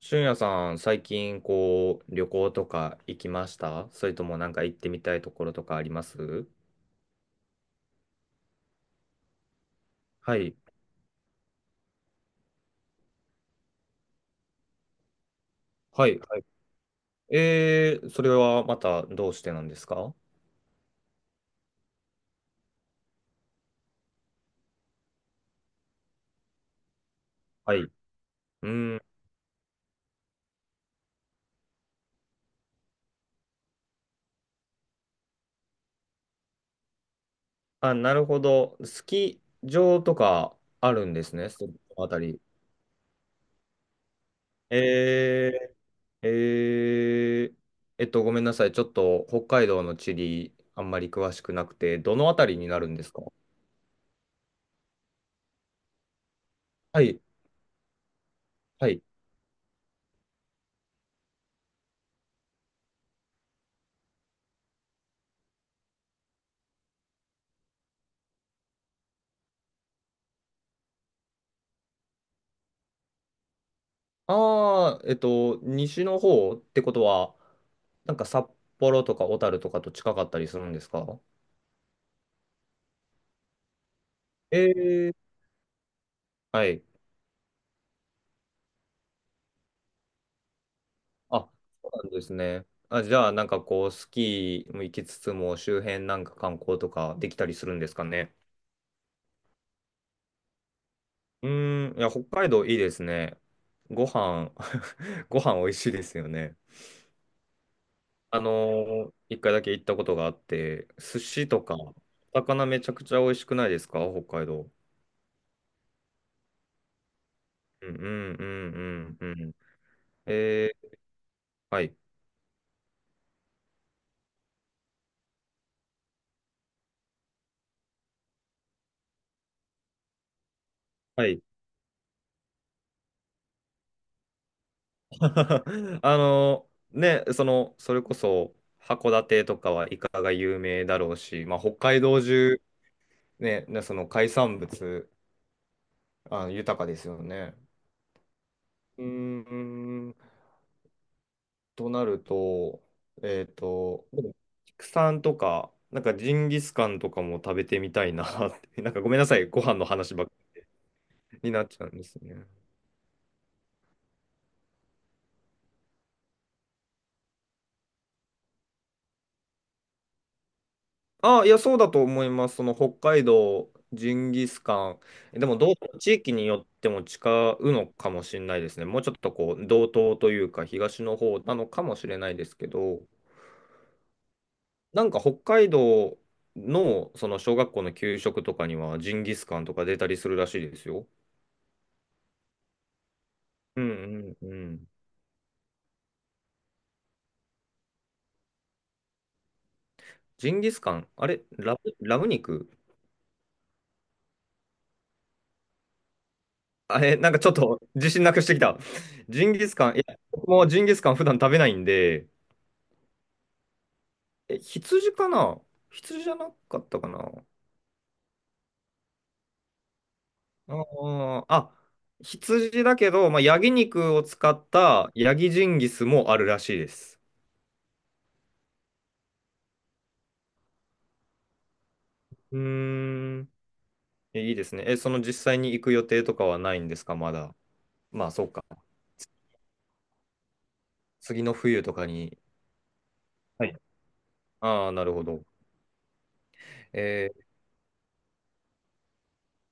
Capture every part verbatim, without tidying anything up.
俊也さん、最近こう旅行とか行きました？それともなんか行ってみたいところとかあります？はい。はい。はい。えー、それはまたどうしてなんですか？はい。うん。あ、なるほど。スキー場とかあるんですね、そのあたり。えー、えー、えっと、ごめんなさい。ちょっと北海道の地理あんまり詳しくなくて、どのあたりになるんですか？はい。はい。ああ、えっと、西の方ってことは、なんか札幌とか小樽とかと近かったりするんですか？ええ、はい。あ、そうなんですね。あ、じゃあ、なんかこう、スキーも行きつつも、周辺なんか観光とかできたりするんですかね。うーん、いや、北海道いいですね。ご飯、ご飯美味しいですよね。あのーいっかいだけ行ったことがあって、寿司とか、魚めちゃくちゃ美味しくないですか、北海道。うんうんうんうんうん。えー、はい。はい。あの、ね、その、それこそ、函館とかはイカが有名だろうし、まあ、北海道中、ね、ねその海産物、あ、豊かですよね。うーん、となると、えっと、でも畜産とか、なんかジンギスカンとかも食べてみたいなって、なんかごめんなさい、ご飯の話ばっかりになっちゃうんですね。ああ、いや、そうだと思います。その北海道、ジンギスカン。でも、どう、地域によっても違うのかもしれないですね。もうちょっとこう、道東というか、東の方なのかもしれないですけど、なんか北海道の、その小学校の給食とかには、ジンギスカンとか出たりするらしいですよ。うんうんうん。ジンギスカン、あれ、ラム、ラム肉。 あれ、なんかちょっと自信なくしてきた。ジンギスカン、いや、僕もジンギスカン普段食べないんで、え、羊かな？羊じゃなかったかな？あーあ、羊だけど、まあ、ヤギ肉を使ったヤギジンギスもあるらしいです。うーん。えいいですね。え、その実際に行く予定とかはないんですか、まだ。まあ、そうか。つ次の冬とかに。はい。ああ、なるほど。えー、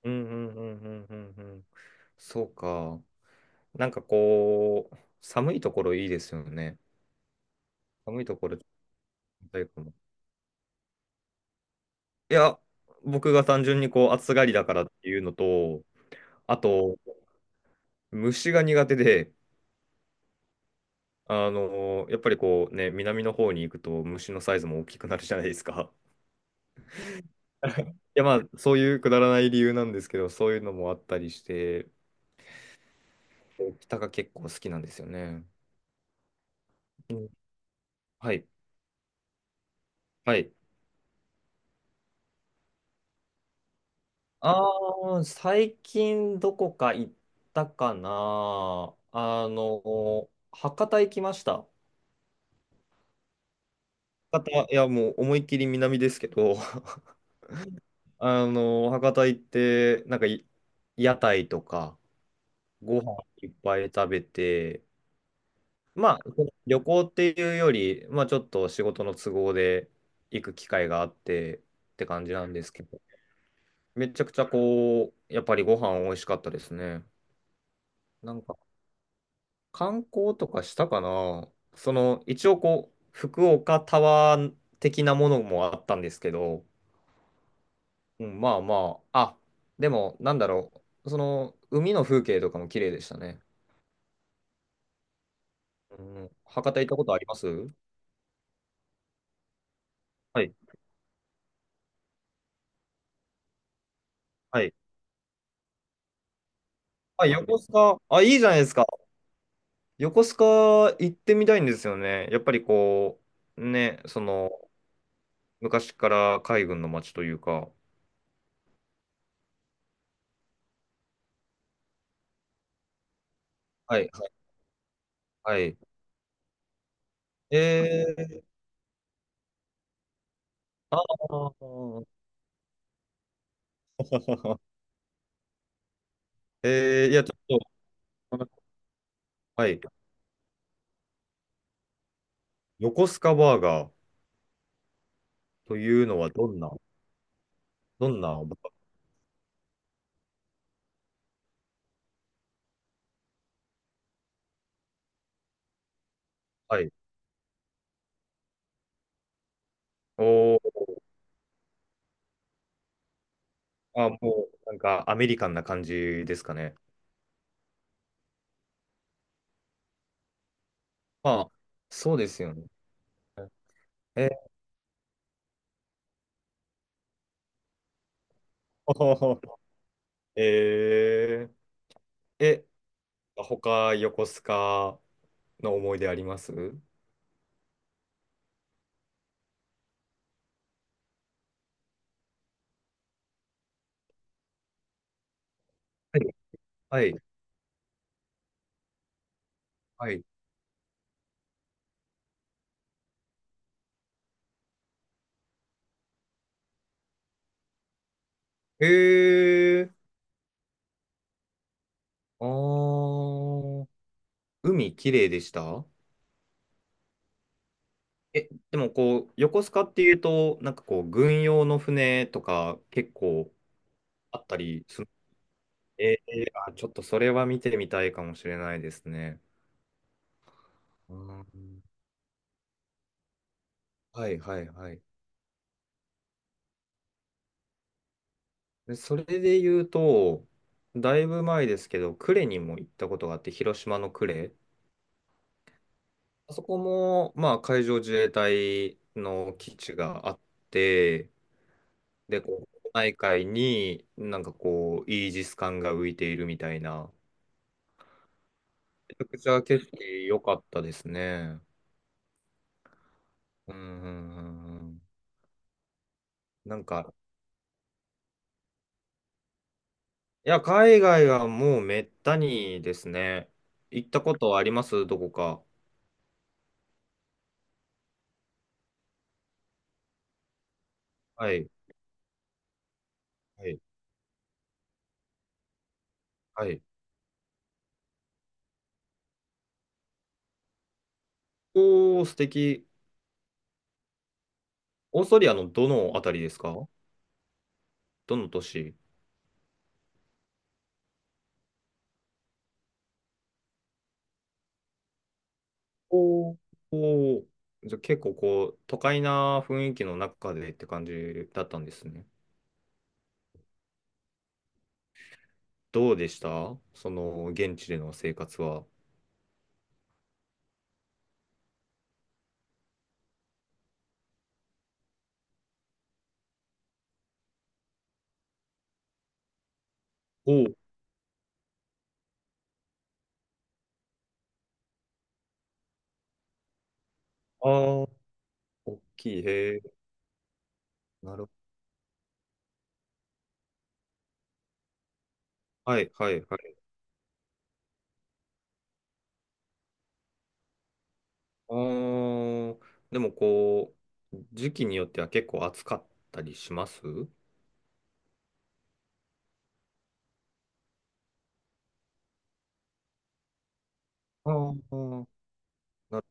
うんうんうんうんうんうん。そうか。なんかこう、寒いところいいですよね。寒いところ、いや、僕が単純にこう暑がりだからっていうのと、あと、虫が苦手で、あのーやっぱりこうね、南の方に行くと虫のサイズも大きくなるじゃないですか。いや、まあ、そういうくだらない理由なんですけど、そういうのもあったりして、北が結構好きなんですよね。うん、はい。はい。ああ、最近どこか行ったかな。あのー博多行きました。博多、いや、もう思いっきり南ですけど、あの、博多行って、なんかい、屋台とか、ご飯いっぱい食べて、まあ、旅行っていうより、まあ、ちょっと仕事の都合で行く機会があってって感じなんですけど、めちゃくちゃこう、やっぱりご飯美味しかったですね。なんか、観光とかしたかな。その、一応こう、福岡タワー的なものもあったんですけど、うん、まあまあ、あ、でも、なんだろう、その、海の風景とかも綺麗でしたね。うん、博多行ったことあります？はい。はい。あ、横須賀、あ、いいじゃないですか。横須賀行ってみたいんですよね。やっぱりこう、ね、その、昔から海軍の街というか。はい、はい、はい。えー、あー えー、いや、ちょっと、はい。横須賀バーガーというのはどんな、どんな、はい。おーあ、もう、なんか、アメリカンな感じですかね。まあ、そうですよね。え、ほほほ。えー、え、他、横須賀の思い出あります？はい、はい。はい。えー、あー、海綺麗でした？え、でもこう、横須賀っていうと、なんかこう、軍用の船とか結構あったりする。えー、あ、ちょっとそれは見てみたいかもしれないですね。うん。はいはいはい。でそれで言うと、だいぶ前ですけど、呉にも行ったことがあって、広島の呉。あそこも、まあ、海上自衛隊の基地があって、で、こう、内海になんかこう、イージス艦が浮いているみたいな、めちゃくちゃ景色良かったですね。うんうんうんうん。なんか、いや、海外はもうめったにですね。行ったことあります？どこか。はい。はい。はい。おー、素敵。オーストリアのどのあたりですか？どの都市？おーおー、じゃあ結構こう、都会な雰囲気の中でって感じだったんですね。どうでした、その、現地での生活は。おう、ああ、大きい。へえ、なるほど。はい、はい、はい。あー、でもこう、時期によっては結構暑かったりします？あーな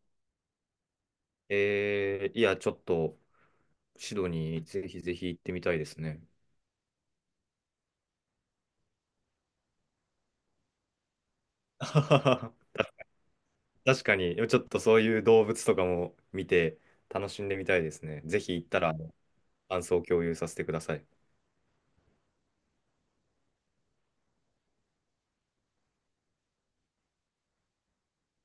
えー、いや、ちょっと、シドニー、ぜひぜひ行ってみたいですね。確かに、ちょっとそういう動物とかも見て楽しんでみたいですね。ぜひ行ったら、あの感想を共有させてください。